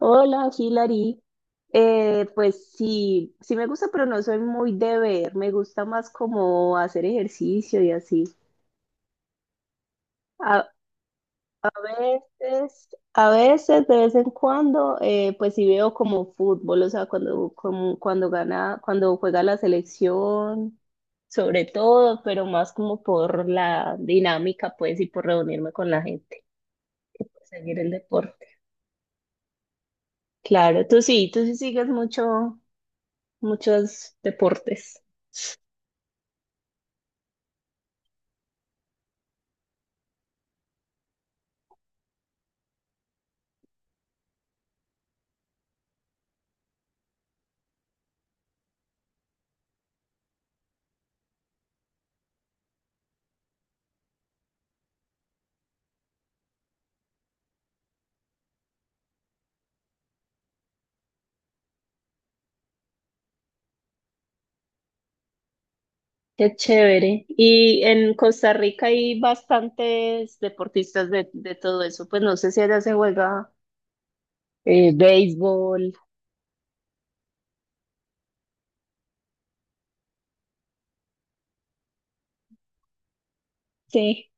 Hola, Hilary. Pues sí, me gusta, pero no soy muy de ver. Me gusta más como hacer ejercicio y así. A, a veces, a veces, de vez en cuando, pues sí veo como fútbol, o sea, cuando, cuando gana, cuando juega la selección, sobre todo, pero más como por la dinámica, pues, y por reunirme con la gente, seguir el deporte. Claro, tú sí sigues muchos deportes. Qué chévere. Y en Costa Rica hay bastantes deportistas de todo eso. Pues no sé si allá se juega béisbol. Sí,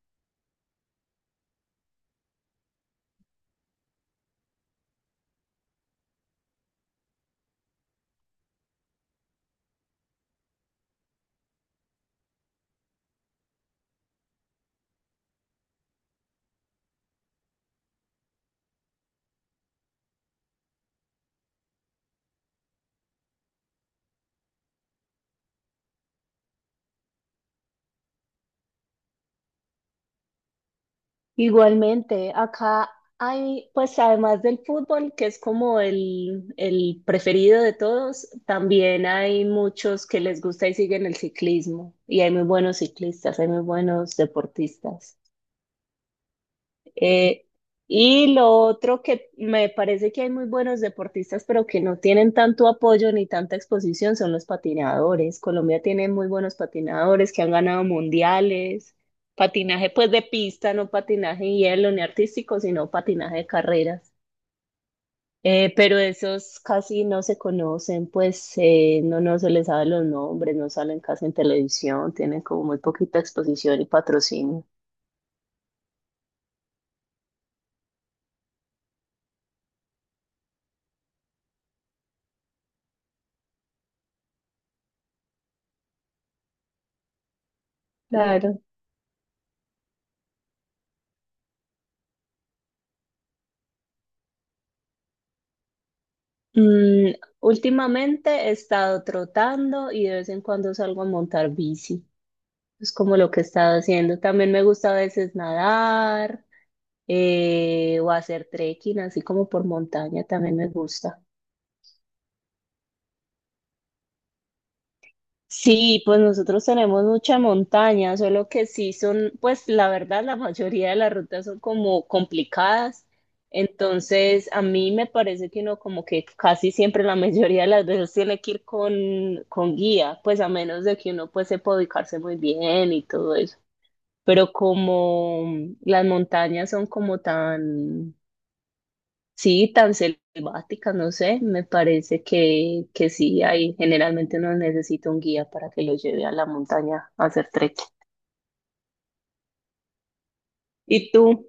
igualmente. Acá hay, pues además del fútbol, que es como el preferido de todos, también hay muchos que les gusta y siguen el ciclismo. Y hay muy buenos ciclistas, hay muy buenos deportistas. Eh, y lo otro que me parece que hay muy buenos deportistas, pero que no tienen tanto apoyo ni tanta exposición, son los patinadores. Colombia tiene muy buenos patinadores que han ganado mundiales. Patinaje pues de pista, no patinaje en hielo ni artístico, sino patinaje de carreras. Pero esos casi no se conocen, pues no se les sabe los nombres, no salen casi en televisión, tienen como muy poquita exposición y patrocinio. Claro. Mm, últimamente he estado trotando y de vez en cuando salgo a montar bici. Es como lo que he estado haciendo. También me gusta a veces nadar o hacer trekking, así como por montaña, también me gusta. Sí, pues nosotros tenemos mucha montaña, solo que sí son, pues la verdad, la mayoría de las rutas son como complicadas. Entonces, a mí me parece que uno como que casi siempre la mayoría de las veces tiene que ir con guía, pues a menos de que uno pues sepa ubicarse muy bien y todo eso. Pero como las montañas son como tan sí, tan selváticas, no sé, me parece que sí, ahí generalmente uno necesita un guía para que lo lleve a la montaña a hacer trekking. ¿Y tú?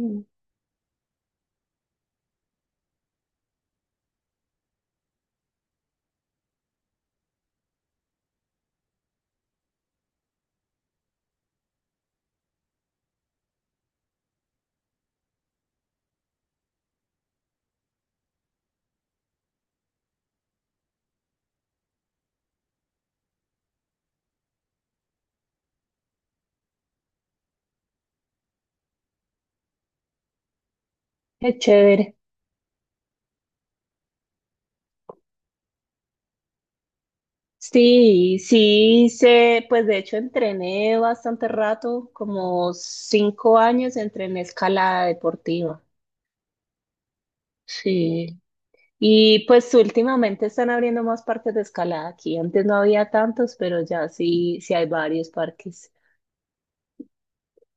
Mm. Qué chévere. Sí, sí, sé, pues de hecho entrené bastante rato, como 5 años entrené escalada deportiva. Sí. Y pues últimamente están abriendo más parques de escalada aquí. Antes no había tantos, pero ya sí, sí hay varios parques.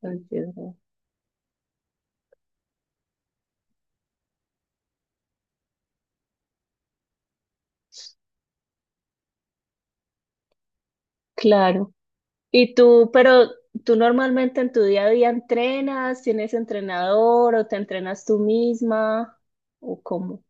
Entonces, claro. Y tú, pero tú normalmente en tu día a día entrenas, tienes entrenador o te entrenas tú misma o cómo.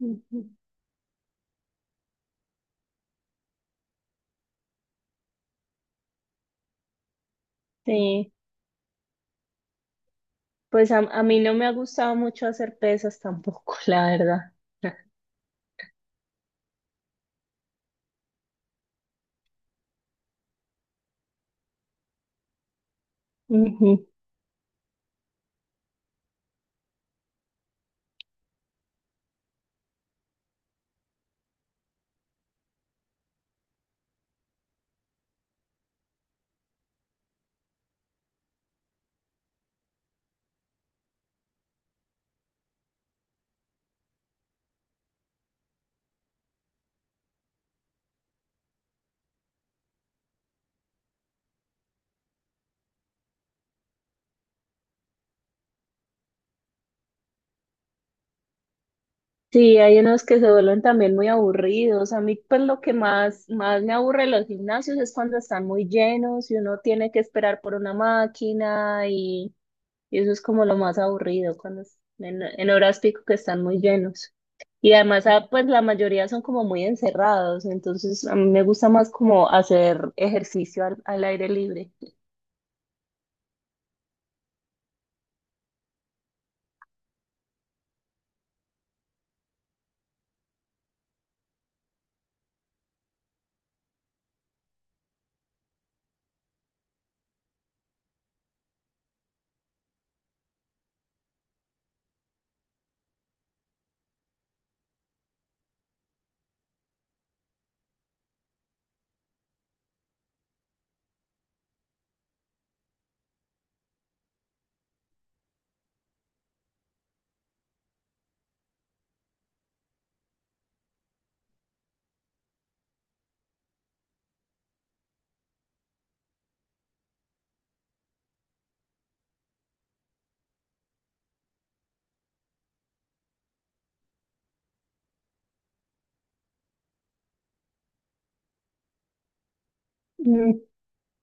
Ujú. Sí, pues a mí no me ha gustado mucho hacer pesas tampoco, la verdad. Ujú. Sí, hay unos que se vuelven también muy aburridos. A mí, pues lo más me aburre de los gimnasios es cuando están muy llenos y uno tiene que esperar por una máquina. Y eso es como lo más aburrido cuando en horas pico que están muy llenos. Y además, ah, pues la mayoría son como muy encerrados, entonces a mí me gusta más como hacer ejercicio al aire libre. Mm,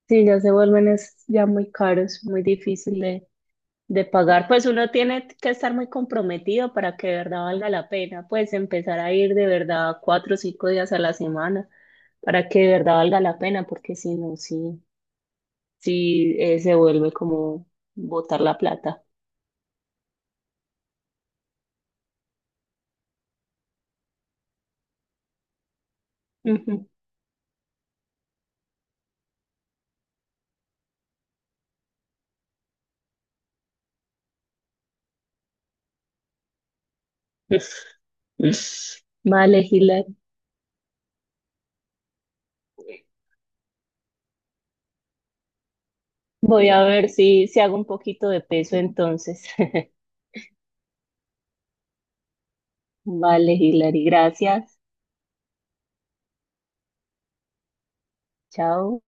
sí, ya se vuelven es ya muy caros, muy difícil de pagar. Pues uno tiene que estar muy comprometido para que de verdad valga la pena, pues empezar a ir de verdad 4 o 5 días a la semana para que de verdad valga la pena, porque si no, sí. Sí se vuelve como botar la plata. Ujú. Vale, Gila. Voy a ver si hago un poquito de peso entonces. Vale, Hilary, gracias. Chao.